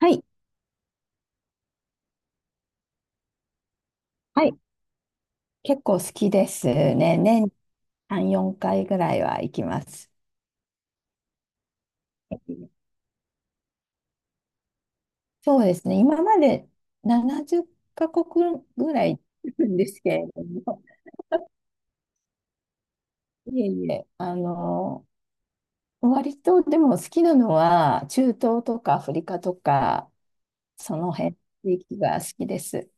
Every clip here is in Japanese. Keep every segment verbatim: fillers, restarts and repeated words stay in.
はい。はい。結構好きですね。年にさん、よんかいぐらいは行きます。そうですね。今までななじゅうカ国ぐらい行くんですけれども、いえいえ、あの、割とでも好きなのは、中東とかアフリカとか、その辺、地域が好きです。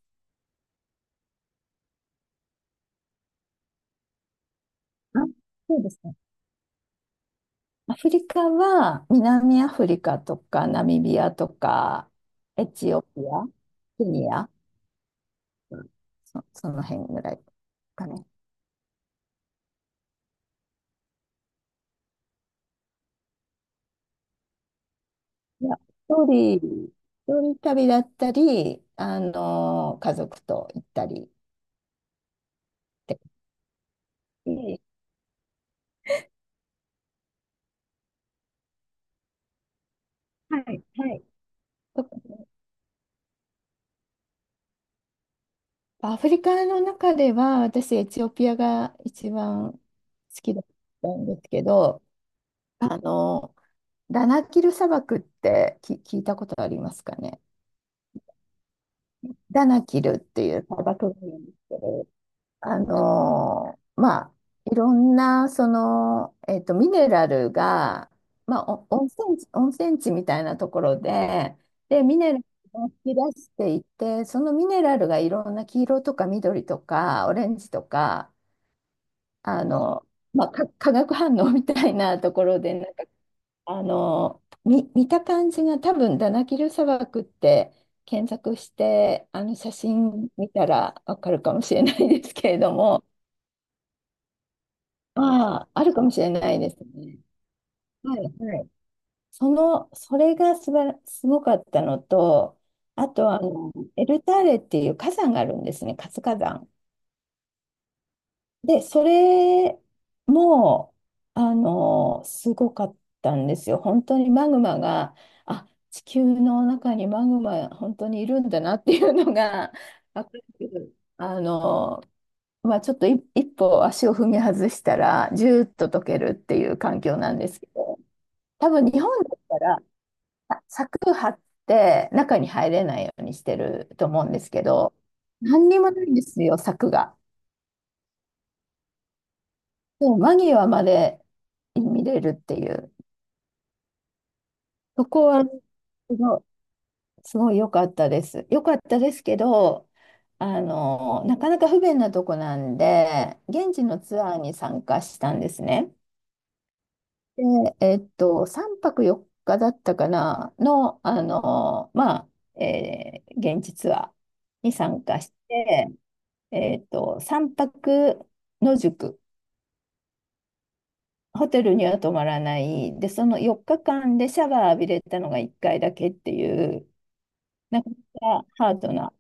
あ、そうですね。アフリカは南アフリカとかナミビアとかエチオピア、ケニア、そ、その辺ぐらいかね。いや、一人、一人旅だったり、あの、家族と行ったりって感じ。はい、はい。とかね、アフリカの中では、私、エチオピアが一番好きだったんですけど、あの、ダナキル砂漠ってき聞いたことありますかね？ダナキルっていう砂漠があるんですけど、あのーまあ、いろんな、その、えっと、ミネラルが、まあ、お温泉地、温泉地みたいなところで、で、ミネラルを引き出していて、そのミネラルがいろんな黄色とか緑とかオレンジとか、あの、まあ、か化学反応みたいなところで、なんか、あの、見、見た感じが多分、ダナキル砂漠って検索して、あの写真見たらわかるかもしれないですけれども、ああ、あるかもしれないですね。はい、はい。その、それがすばら、すごかったのと、あとあの、エルターレっていう火山があるんですね、活火山。で、それも、あの、すごかったんですよ。本当にマグマが、あ、地球の中にマグマ、本当にいるんだなっていうのが、わかる。あの、まあ、ちょっと一一歩足を踏み外したら、ジューッと溶けるっていう環境なんですけど。多分日本だったらあ柵張って中に入れないようにしてると思うんですけど、何にもないんですよ、柵が。でも間際まで見れるっていう。そこはすごい、すごい良かったです。良かったですけど、あの、なかなか不便なとこなんで、現地のツアーに参加したんですね。で、えっと、さんぱくよっかだったかなの、あの、まあ、えー現地ツアーに参加して、えっと、さんぱく野宿、ホテルには泊まらない、で、そのよっかかんでシャワー浴びれたのがいっかいだけっていう、なかなかハードな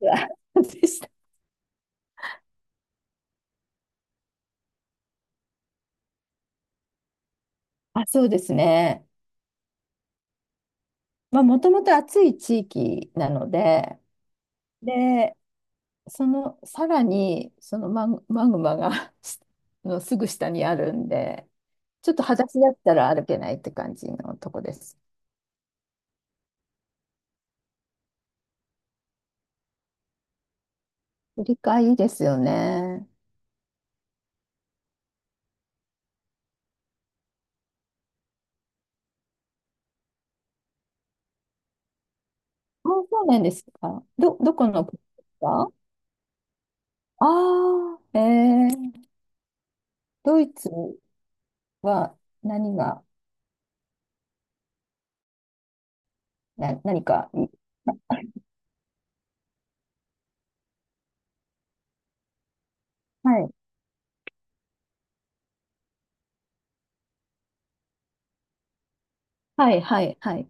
ツアーでした。あ、そうですね。まあ、もともと暑い地域なので、で、そのさらにそのマグ、マグマが のすぐ下にあるんで、ちょっと裸足だったら歩けないって感じのとこです。振り替えいいですよね。あ、そうなんですか。ど、どこの国ですか？ああー、えー、ドイツは何が、な、何か、い はい、はい、はい、はい。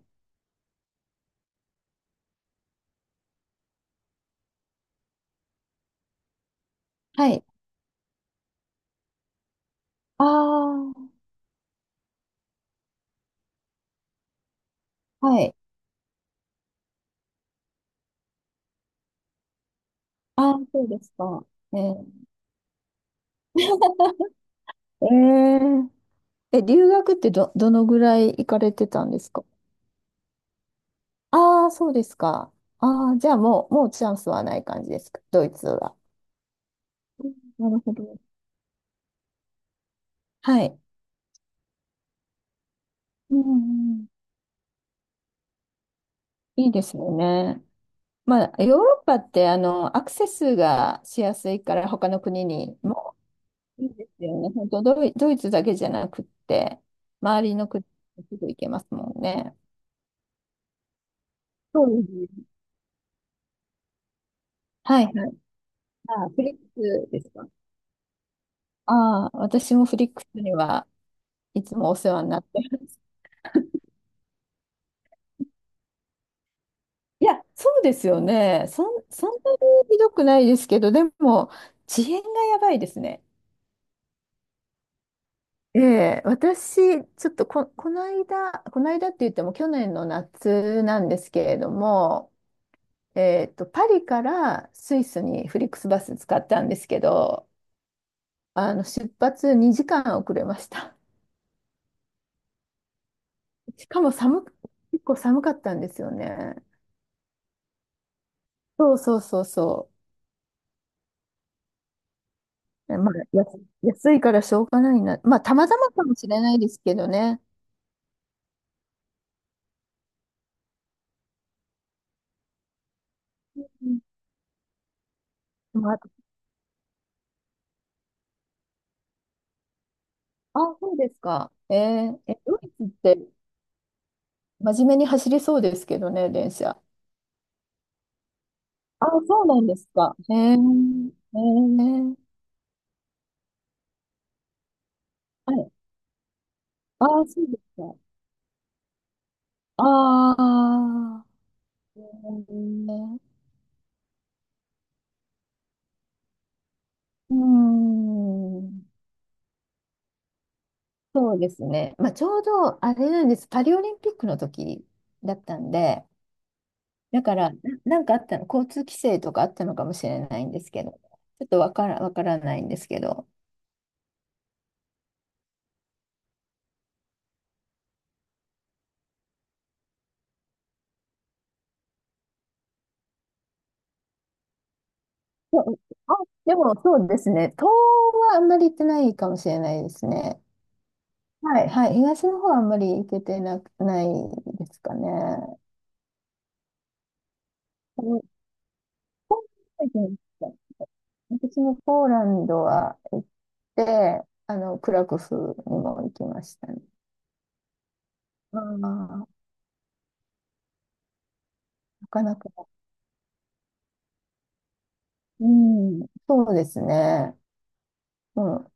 はい。ああ、はい。ああ、そうですか。えー、えーえ、留学ってど、どのぐらい行かれてたんですか？ああ、そうですか。ああ、じゃあもう、もうチャンスはない感じですか、ドイツは？うん、なるほど。はい。うんうん、いいですよね。まあ、ヨーロッパってあのアクセスがしやすいから他の国にもいいですよね。本当ドイ、ドイツだけじゃなくって、周りの国にすぐ行けますもんね。そうですね。はいはい。あ、フリックスですか？ああ、私もフリックスにはいつもお世話になってます。いや、そうですよね。そん、そんなにひどくないですけど、でも、遅延がやばいですね。ええ、私、ちょっとこ、この間、この間って言っても去年の夏なんですけれども、えっと、パリからスイスにフリックスバス使ったんですけど、あの、出発にじかん遅れました。しかも寒く、結構寒かったんですよね。そうそうそうそう。えまあ、安安いからしょうがないな。まあ、たまたまかもしれないですけどね。まあ、あ、そうですか。えー、え、ドイツって真面目に走りそうですけどね、電車。あ、そうなんですか。えー、えー、はい。あ、そうですか。ああ、えー、うーん、そうですね。まあ、ちょうど、あれなんです。パリオリンピックの時だったんで、だから、な、なんかあったの、交通規制とかあったのかもしれないんですけど、ちょっとわから、わからないんですけど。そうあ、でもそうですね。東はあんまり行ってないかもしれないですね。はい、はい。東の方はあんまり行けてなく、ないですかね。うん、私もポーランドは行って、あの、クラクフにも行きましたね。ああ、なかなか。うん、そうですね。うん、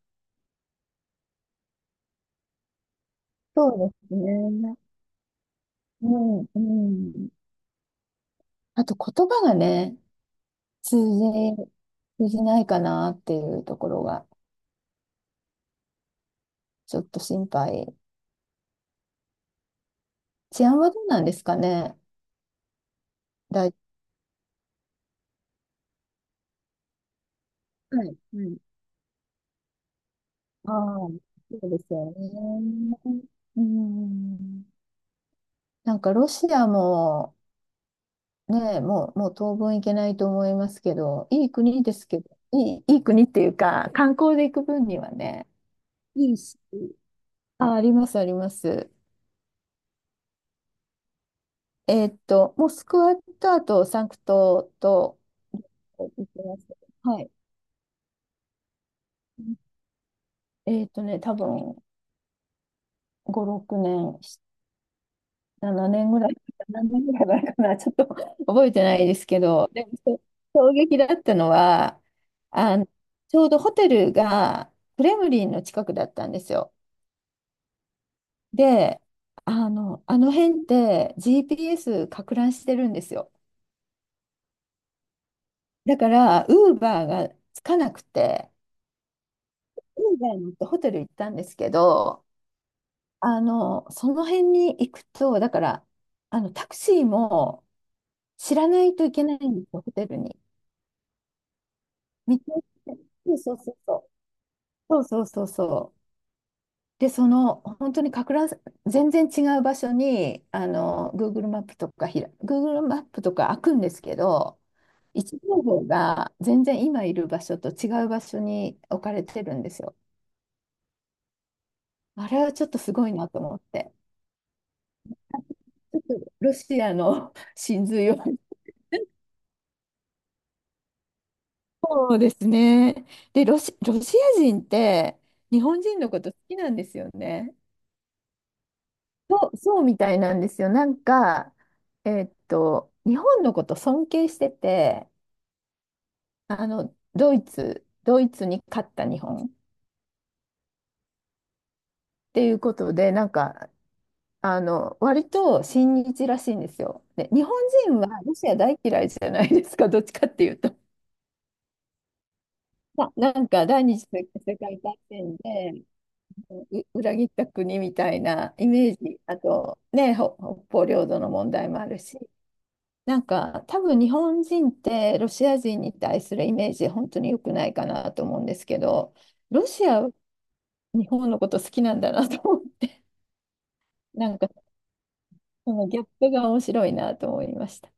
そうですね。うん、うん。あと言葉がね、通じ、通じないかなっていうところが。ちょっと心配。治安はどうなんですかね？大、はい、はい。ああ、そうですよね。うん。なんかロシアも、ね、もう、もう当分行けないと思いますけど、いい国ですけど、いい、いい国っていうか、観光で行く分にはね。いいし、あ、あります、あります。えーっと、モスクワと、あと、サンクトと、行ってます。はい。えーっとね、多分ご、ご、ろくねん、ななねんぐらい、何年ぐらい前かな、ちょっと 覚えてないですけど、でもそう衝撃だったのは、あの、ちょうどホテルがクレムリンの近くだったんですよ。で、あの、あの辺って ジーピーエス か乱してるんですよ。だから、ウーバーがつかなくて、ウーバーに乗ってホテル行ったんですけど、あの、その辺に行くと、だから、あの、タクシーも知らないといけないんですよ、ホテルに。見て。そうそうそうそうそうそうそうそう。で、その本当にかく乱、全然違う場所にあの Google マップとかひら Google マップとか開くんですけど、位置情報が全然今いる場所と違う場所に置かれてるんですよ。あれはちょっとすごいなと思って、ちょっとロシアの 真髄を。そうですね。で、ロシ、ロシア人って日本人のこと好きなんですよね。そう、そうみたいなんですよ。なんか、えーっと、日本のこと尊敬してて、あの、ドイツ、ドイツに勝った日本っていうことで、なんか、あの、割と親日らしいんですよ。で、日本人はロシア大嫌いじゃないですか、どっちかっていうと。な、なんか第二次世界大戦でう裏切った国みたいなイメージ、あとね、ほ北方領土の問題もあるし、なんか多分日本人ってロシア人に対するイメージ本当に良くないかなと思うんですけど、ロシア、日本のこと好きなんだなと思う、なんかそのギャップが面白いなと思いました。